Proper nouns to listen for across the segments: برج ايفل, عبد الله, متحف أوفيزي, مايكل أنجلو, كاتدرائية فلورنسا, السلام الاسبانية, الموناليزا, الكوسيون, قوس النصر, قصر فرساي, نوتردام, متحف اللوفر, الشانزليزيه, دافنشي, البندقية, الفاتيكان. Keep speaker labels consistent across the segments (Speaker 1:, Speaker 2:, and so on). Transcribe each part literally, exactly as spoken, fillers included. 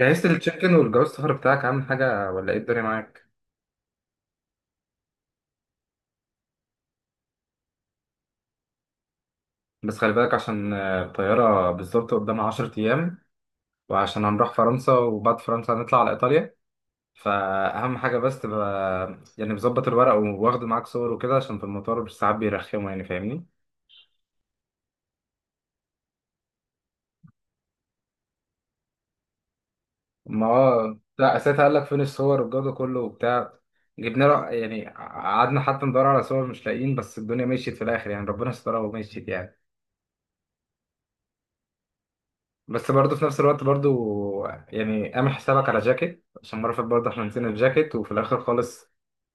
Speaker 1: جهزت التشيكن والجواز السفر بتاعك عامل حاجة ولا ايه الدنيا معاك؟ بس خلي بالك عشان آه، الطيارة بالظبط قدامها عشر أيام، وعشان هنروح فرنسا وبعد فرنسا هنطلع على إيطاليا. فأهم حاجة بس تبقى يعني مظبط الورق وواخد معاك صور وكده، عشان في المطار مش ساعات بيرخموا، يعني فاهمني؟ ما هو لا، ساعتها قال لك فين الصور والجو ده كله وبتاع. جبنا له، يعني قعدنا حتى ندور على صور مش لاقيين، بس الدنيا مشيت في الآخر يعني، ربنا سترها ومشيت يعني. بس برضه في نفس الوقت برضه، يعني اعمل حسابك على جاكيت، عشان مرة فاتت برضه احنا نسينا الجاكيت وفي الآخر خالص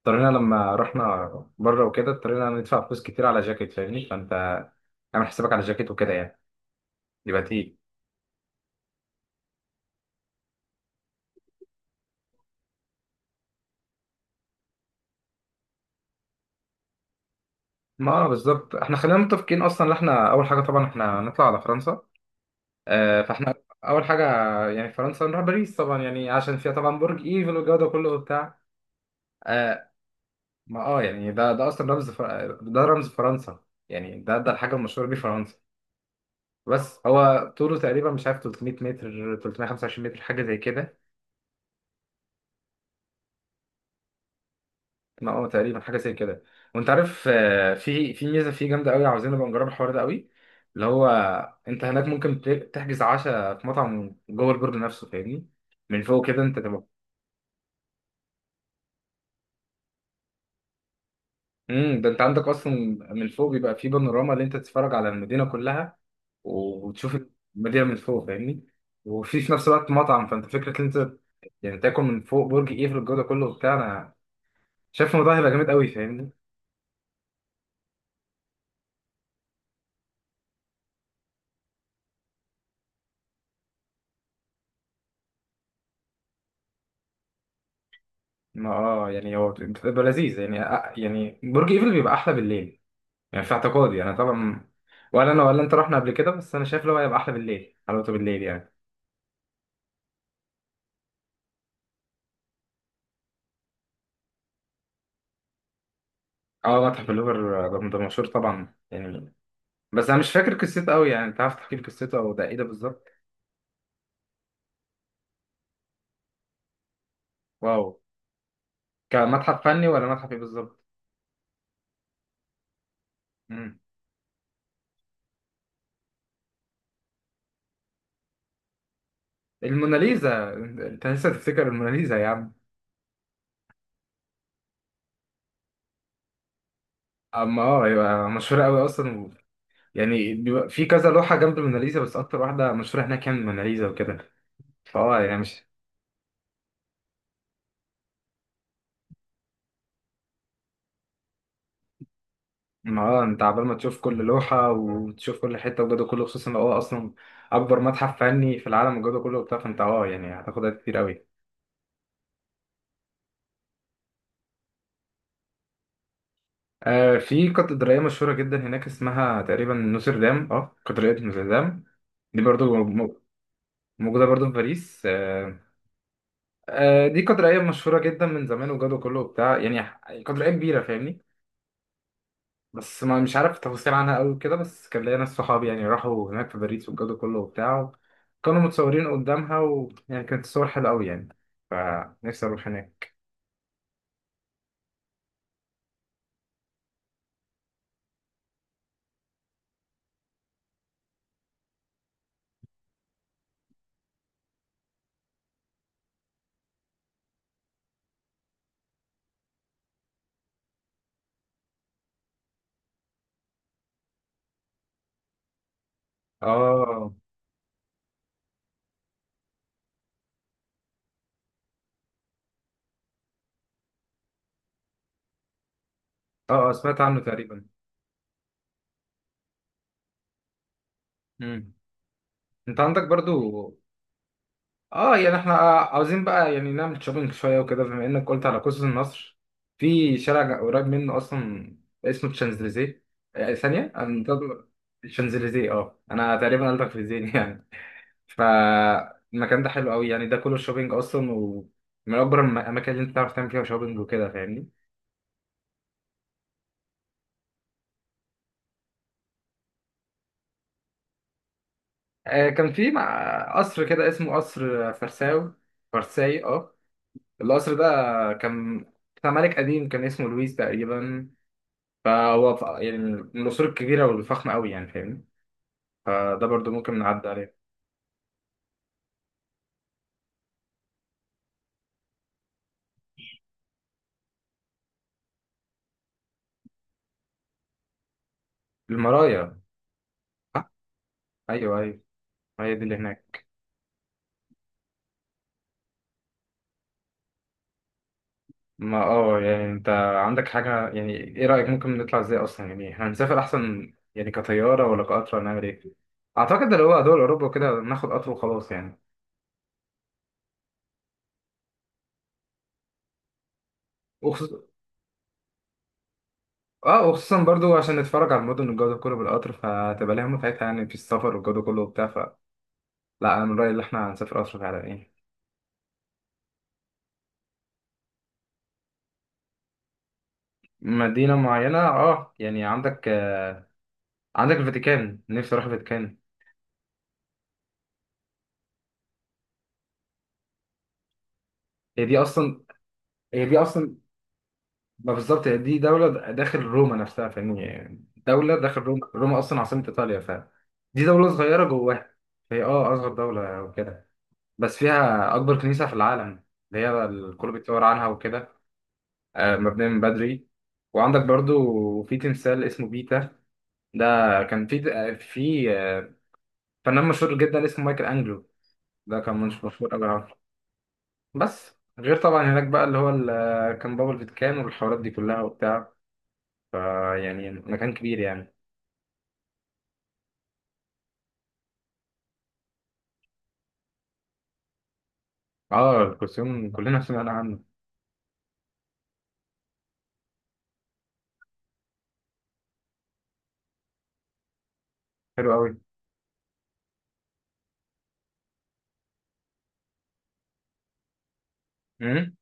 Speaker 1: اضطرينا لما رحنا بره وكده اضطرينا ندفع فلوس كتير على جاكيت، فاهمني؟ فأنت اعمل حسابك على جاكيت وكده يعني، يبقى تقيل. ما آه بالظبط، احنا خلينا متفقين اصلا ان احنا اول حاجه طبعا احنا نطلع على فرنسا. آه فاحنا اول حاجه يعني فرنسا، نروح باريس طبعا، يعني عشان فيها طبعا برج ايفل والجو ده كله وبتاع. آه. ما اه يعني ده ده اصلا رمز فر... ده رمز فرنسا. يعني ده ده الحاجه المشهوره بيه فرنسا. بس هو طوله تقريبا مش عارف تلتمية متر، تلتمية وخمسة وعشرين متر، حاجه زي كده. ما هو تقريبا حاجه زي كده. وانت عارف آه، في في ميزه فيه جامده قوي، عاوزين نبقى نجرب الحوار ده قوي. اللي هو انت هناك ممكن ت- تحجز عشاء في مطعم جوه البرج نفسه، فاهمني؟ من فوق كده انت تبقى. امم، ده انت عندك اصلا من فوق بيبقى فيه بانوراما اللي انت تتفرج على المدينه كلها وتشوف المدينه من فوق، فاهمني؟ وفي في نفس الوقت مطعم، فانت فكره ان انت يعني تاكل من فوق برج ايفل الجو ده كله وبتاع. شايف الموضوع هيبقى جامد قوي، فاهمني؟ ما اه يعني هو بتبقى لذيذ يعني، آه، يعني برج ايفل بيبقى احلى بالليل، يعني في اعتقادي انا طبعا. ولا انا ولا انت رحنا قبل كده، بس انا شايف اللي هو هيبقى احلى بالليل، حلاوته بالليل يعني. اه متحف اللوفر، ده ده مشهور طبعا يعني، بس انا مش فاكر قصته قوي يعني. انت عارف تحكي لي قصته، او ده ايه ده بالظبط؟ واو. كمتحف فني ولا متحف ايه بالظبط؟ مم. الموناليزا، انت لسه تفتكر الموناليزا يا عم؟ اما اه يبقى مشهور قوي اصلا يعني، بيبقى في كذا لوحة جنب الموناليزا، بس أكتر واحدة مشهورة هناك يعني الموناليزا وكده، فأه يعني مش. ما اه أنت عبال ما تشوف كل لوحة وتشوف كل حتة وجوده كله، خصوصا لو هو أصلا أكبر متحف فني في العالم وجوده كله وبتاع، فأنت أه يعني هتاخد وقت كتير أوي. آه في كاتدرائية مشهورة جدا هناك اسمها تقريبا نوتردام، أه كاتدرائية نوتردام. دي برضو م- موجودة برضو في باريس آه. آه دي كاتدرائية مشهورة جدا من زمان وجوده كله وبتاع، يعني كاتدرائية كبيرة فاهمني. بس ما مش عارف تفاصيل عنها قوي كده، بس كان ليا ناس صحابي يعني راحوا هناك في باريس والجو ده كله وبتاع، كانوا متصورين قدامها ويعني كانت الصور حلوة قوي يعني، فنفسي اروح هناك. اه. اه. آه، سمعت عنه تقريبا. مم. انت عندك برضو. اه يعني احنا آه، عاوزين بقى يعني نعمل شوبينج شوية وكده، بما انك قلت على قوس النصر. في شارع قريب منه اصلا اسمه الشانزليزيه. آه، ثانية انا. الشانزليزيه، اه انا تقريبا قلتك في ذهني. فالمكان ده حلو قوي يعني، ده كله شوبينج اصلا، ومن اكبر الم- الاماكن اللي انت تعرف تعمل فيها شوبينج وكده، فاهمني؟ آه كان في مع قصر كده اسمه قصر فرساو، فرساي اه. القصر ده كان بتاع ملك قديم، كان اسمه لويس تقريبا. فهو ف- يعني من القصور الكبيرة والفخمة قوي يعني، فاهمني؟ فده برضو ممكن نعدي عليه. المرايا. آه، ايوه ايوه، هي دي اللي هناك. ما اه يعني انت عندك حاجة، يعني ايه رأيك ممكن نطلع ازاي اصلا؟ يعني احنا هنسافر احسن يعني كطيارة ولا كقطر، ولا نعمل ايه؟ اعتقد اللي هو دول اوروبا وكده، ناخد قطر وخلاص يعني. وخصوصا. اه وخصوصا برضو عشان نتفرج على المدن والجو ده كله بالقطر، فهتبقى لها متعتها يعني في السفر والجو ده كله وبتاع، فلا انا من رأيي ان احنا هنسافر قطر فعلا يعني. مدينة معينة، اه يعني عندك آه، عندك الفاتيكان، نفسي اروح الفاتيكان. هي دي اصلا. هي دي اصلا. ما بالظبط، هي دي دولة داخل روما نفسها، فاهمني؟ يعني دولة داخل روما، روما أصلا عاصمة إيطاليا، فدي دولة صغيرة جواها. هي اه أصغر دولة وكده، بس فيها أكبر كنيسة في العالم، اللي هي الكل بيتصور عنها وكده. آه، مبنية من بدري. وعندك برضو في تمثال اسمه بيتا. ده كان في آه، في آه، فنان مشهور جدا اسمه مايكل أنجلو. ده كان مش مشهور أوي عنه. بس غير طبعا هناك بقى اللي هو ال- آه، كان بابل فيتكان والحوارات دي كلها وبتاع، آه، يعني مكان كبير يعني. اه الكوسيون كلنا سمعنا عنه. حلو قوي. امم.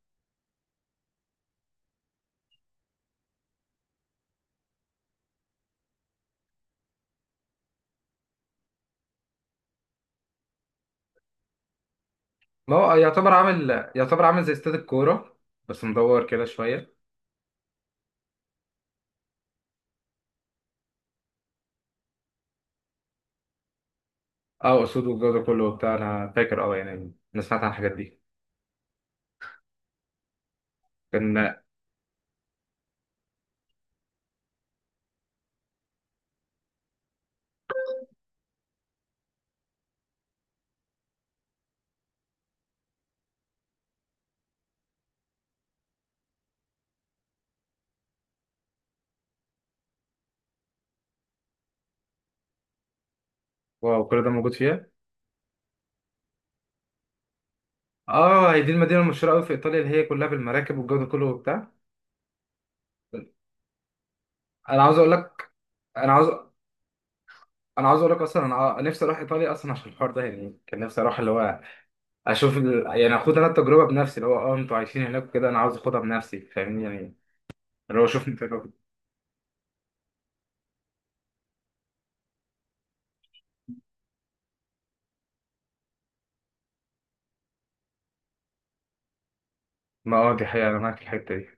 Speaker 1: ما هو يعتبر عامل، يعتبر عامل زي استاد الكوره، بس مدور كده شويه. اه اسود والجو ده كله وبتاع، انا فاكر اه يعني انا سمعت عن الحاجات دي. كان. واو، كل ده موجود فيها؟ اه هي دي المدينه المشهوره قوي في ايطاليا، اللي هي كلها بالمراكب والجو ده كله وبتاع. انا عاوز اقول لك، انا عاوز انا عاوز اقول لك اصلا، انا ع- نفسي اروح ايطاليا اصلا عشان الحوار ده يعني، كان نفسي اروح اللي هو اشوف ال... يعني اخد انا التجربه بنفسي اللي هو اه انتوا عايشين هناك وكده، انا عاوز اخدها بنفسي، فاهمني يعني؟ اللي هو شوفني. ما اه دي حقيقة، أنا معاك في الحتة دي.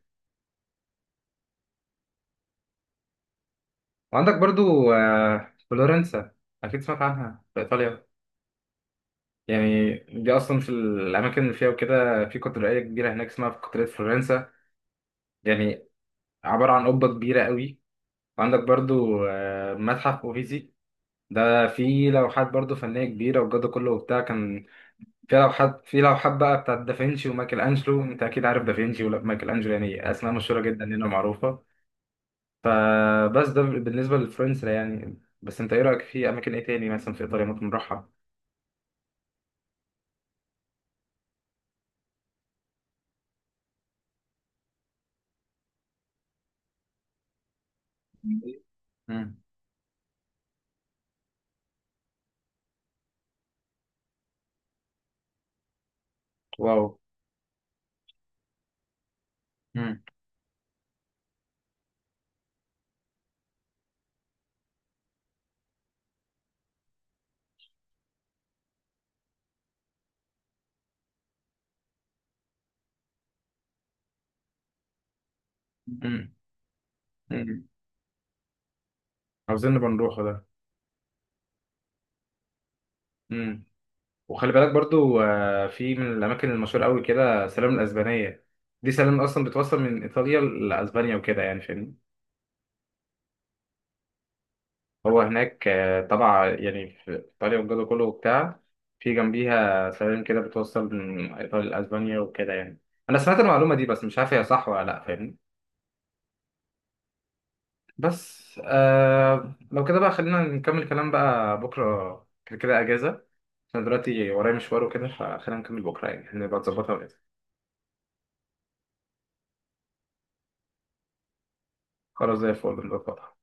Speaker 1: وعندك برضو آه، فلورنسا، أكيد سمعت عنها في إيطاليا يعني. دي أصلا في الأماكن اللي فيها وكده، في كاتدرائية كبيرة هناك اسمها كاتدرائية فلورنسا يعني، عبارة عن قبة كبيرة قوي. وعندك برضو آه، متحف أوفيزي، ده فيه لوحات برضو فنية كبيرة والجو ده كله وبتاع، كان فيها لوحات، في لوحات بقى بتاعت دافنشي ومايكل أنجلو. أنت أكيد عارف دافنشي ومايكل أنجلو، يعني أسماء مشهورة جدا هنا معروفة. فبس ده بالنسبة لفلورنسا يعني، بس انت ايه رأيك في اماكن ايه تاني مثلا في ايطاليا ممكن نروحها؟ امم. واو. امم. امم. امم. عاوزين نبقى نروحه ده. امم. وخلي بالك برضو آه، في من الاماكن المشهورة قوي كده سلام الاسبانية. دي سلام اصلا بتوصل من ايطاليا لاسبانيا وكده يعني، فاهمني؟ هو هناك آه، طبعا يعني في ايطاليا والجو ده كله وبتاع، في جنبيها سلام كده بتوصل من ايطاليا لاسبانيا وكده يعني. انا سمعت المعلومة دي، بس مش عارف هي صح ولا لا، فاهمني؟ بس آه لو كده بقى، خلينا نكمل كلام بقى بكرة، كده كده أجازة، عشان دلوقتي ورايا مشوار وكده، فخلينا نكمل بكرة يعني نبقى نظبطها وكده. خلاص زي الفل، نظبطها.